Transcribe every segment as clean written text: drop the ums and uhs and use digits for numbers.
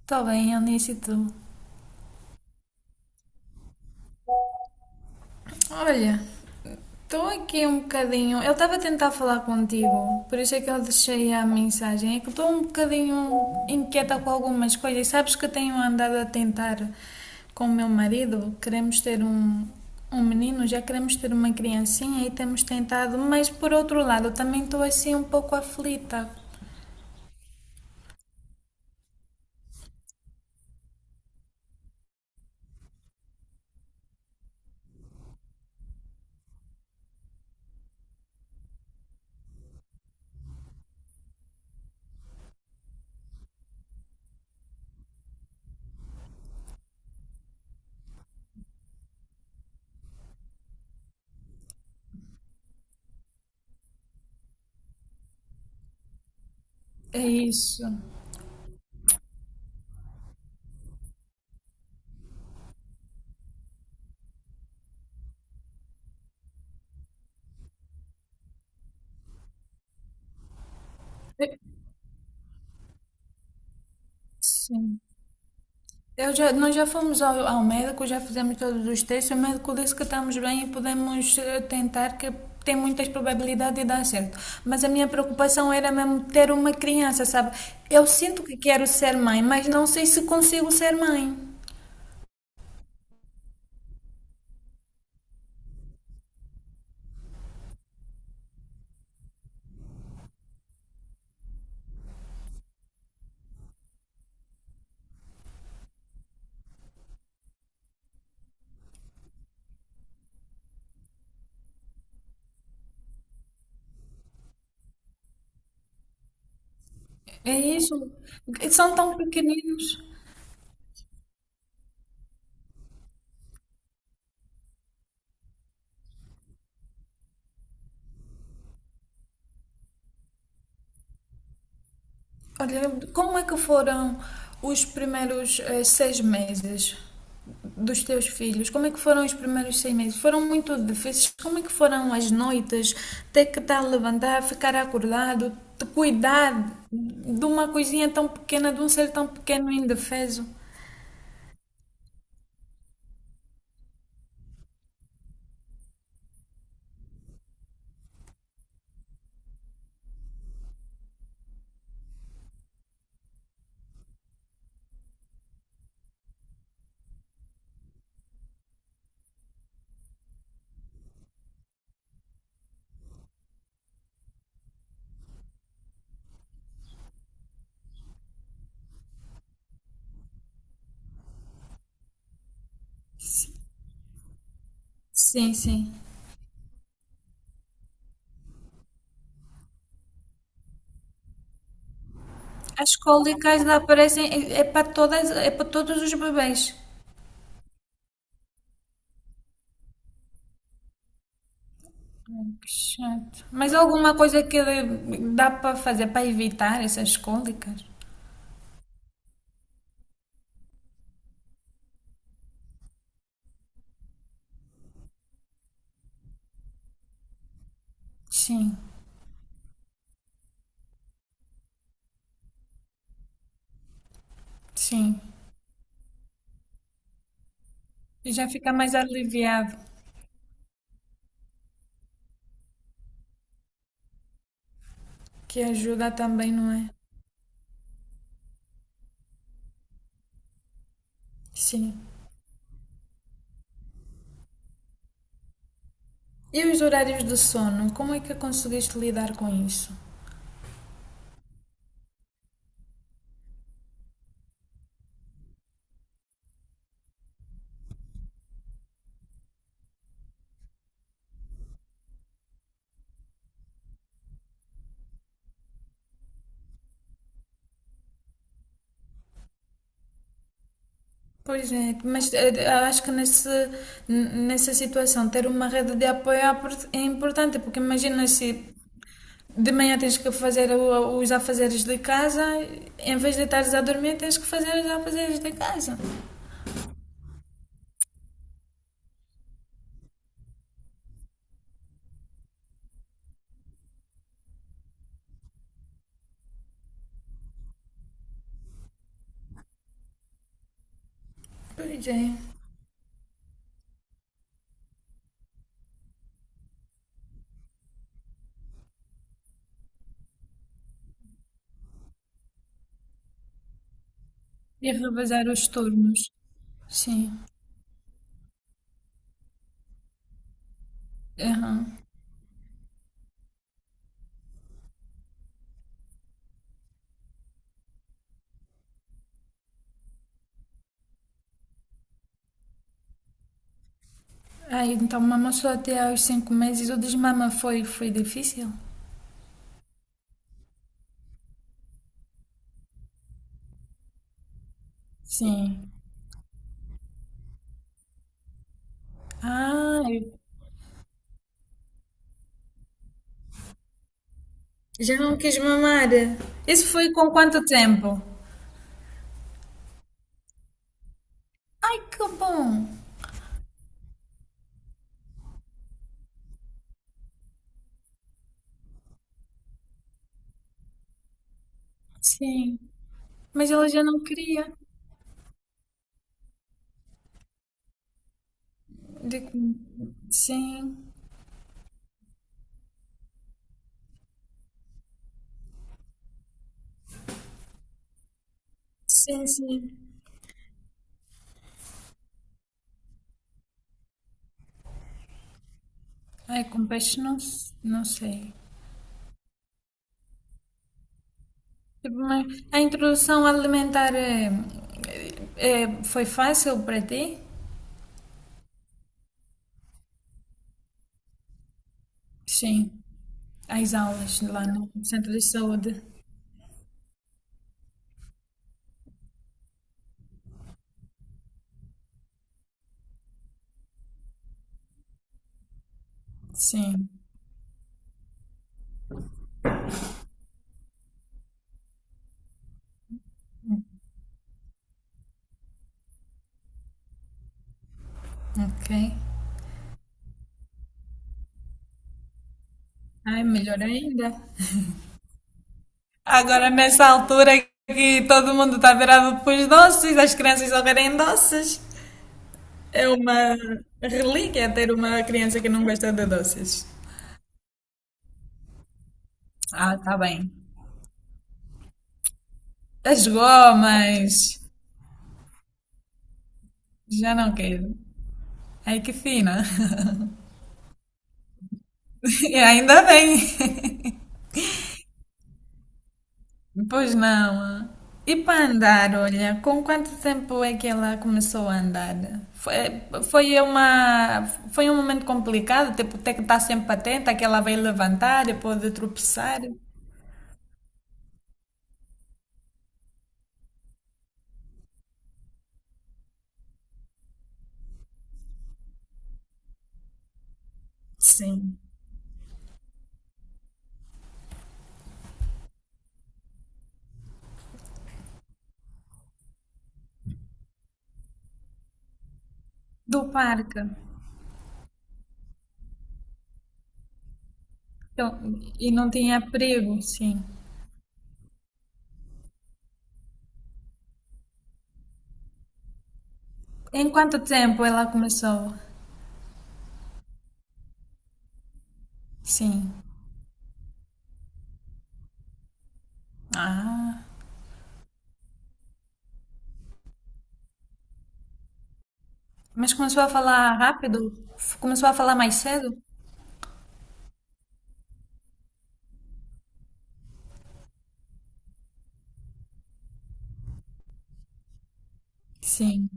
Está bem, Eunice, e tu? Olha, estou aqui um bocadinho. Eu estava a tentar falar contigo, por isso é que eu deixei a mensagem. É que estou um bocadinho inquieta com algumas coisas. Sabes que eu tenho andado a tentar com o meu marido. Queremos ter um menino, já queremos ter uma criancinha e temos tentado, mas por outro lado, também estou assim um pouco aflita. É isso. É- Sim. Nós já fomos ao médico, já fizemos todos os testes. O médico disse que estamos bem e podemos tentar, que tem muitas probabilidades de dar certo. Mas a minha preocupação era mesmo ter uma criança, sabe? Eu sinto que quero ser mãe, mas não sei se consigo ser mãe. É isso. São tão pequeninos. Olha, como é que foram os primeiros 6 meses dos teus filhos? Como é que foram os primeiros 6 meses? Foram muito difíceis? Como é que foram as noites? Ter que estar a levantar, ficar acordado, te cuidar de uma coisinha tão pequena, de um ser tão pequeno e indefeso? Sim, sim. As cólicas aparecem, é, é para todas, é para todos os bebês. Que chato. Mas há alguma coisa que dá para fazer para evitar essas cólicas? Sim. Sim. E já fica mais aliviado, que ajuda também, não é? Sim. E os horários de sono, como é que conseguiste lidar com isso? Pois é, mas acho que nessa situação ter uma rede de apoio é importante, porque imagina se de manhã tens que fazer os afazeres de casa, em vez de estares a dormir, tens que fazer os afazeres de casa. Pois é. E revezar os turnos. Sim. Aham. Ah, então mamou só até aos 5 meses. O desmama foi, foi difícil? Sim. Ah, já não quis mamar. Isso foi com quanto tempo? Ai, que bom. Sim. Mas ela já não queria. De- Sim, sim. Ai, com peixe não, não sei. Tipo, mas a introdução alimentar foi fácil para ti? Sim. As aulas lá no centro de saúde. Sim. Ok. Ai, melhor ainda. Agora, nessa altura que todo mundo está virado para os doces, as crianças só querem doces. É uma relíquia ter uma criança que não gosta de doces. Ah, tá bem. As gomas, já não quero. Ai, que fina. E ainda bem. Pois não. E para andar, olha, com quanto tempo é que ela começou a andar? Foi, foi uma, foi um momento complicado, tipo, ter que estar sempre atenta que ela vai levantar e pode tropeçar. Sim. Do parque. Então, e não tinha perigo, sim. Em quanto tempo ela começou? Sim. Ah, mas começou a falar rápido? Começou a falar mais cedo? Sim.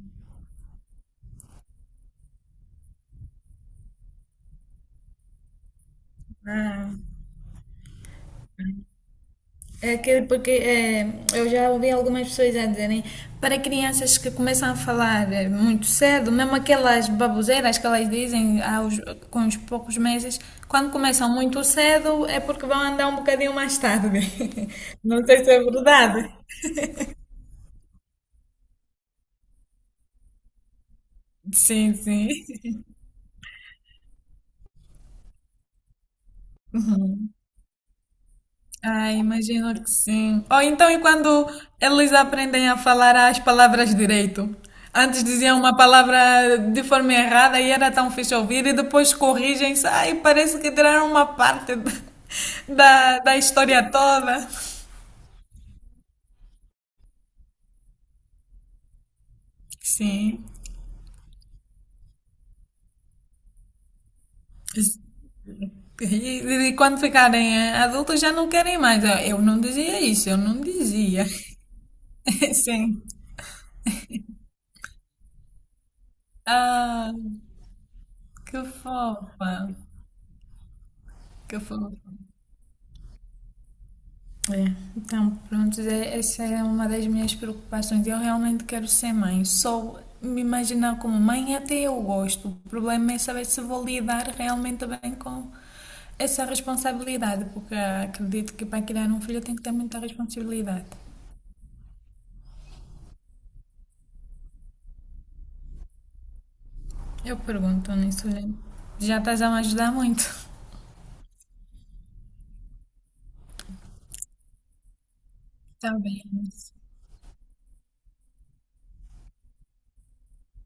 Ah. É aquele porque é, eu já ouvi algumas pessoas a dizerem para crianças que começam a falar muito cedo, mesmo aquelas baboseiras que elas dizem aos, com os poucos meses, quando começam muito cedo é porque vão andar um bocadinho mais tarde. Não sei se é verdade. Sim, sim. Ai, imagino que sim. Ou então, e quando eles aprendem a falar as palavras direito? Antes diziam uma palavra de forma errada e era tão fixe ouvir, e depois corrigem-se. Ai, parece que tiraram uma parte da história toda. Sim. Quando ficarem adultos já não querem mais. Ah, eu não dizia isso, eu não dizia. Sim. Ah, que fofa. Que fofa. É, então, pronto, essa é uma das minhas preocupações. Eu realmente quero ser mãe. Só me imaginar como mãe até eu gosto. O problema é saber se vou lidar realmente bem com essa responsabilidade, porque acredito que para criar um filho tem que ter muita responsabilidade. Eu pergunto nisso, olha, já estás a me ajudar muito. Está bem,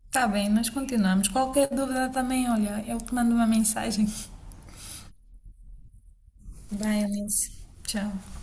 está bem, nós continuamos. Qualquer dúvida também, olha, eu te mando uma mensagem. Bye, Alice. Tchau.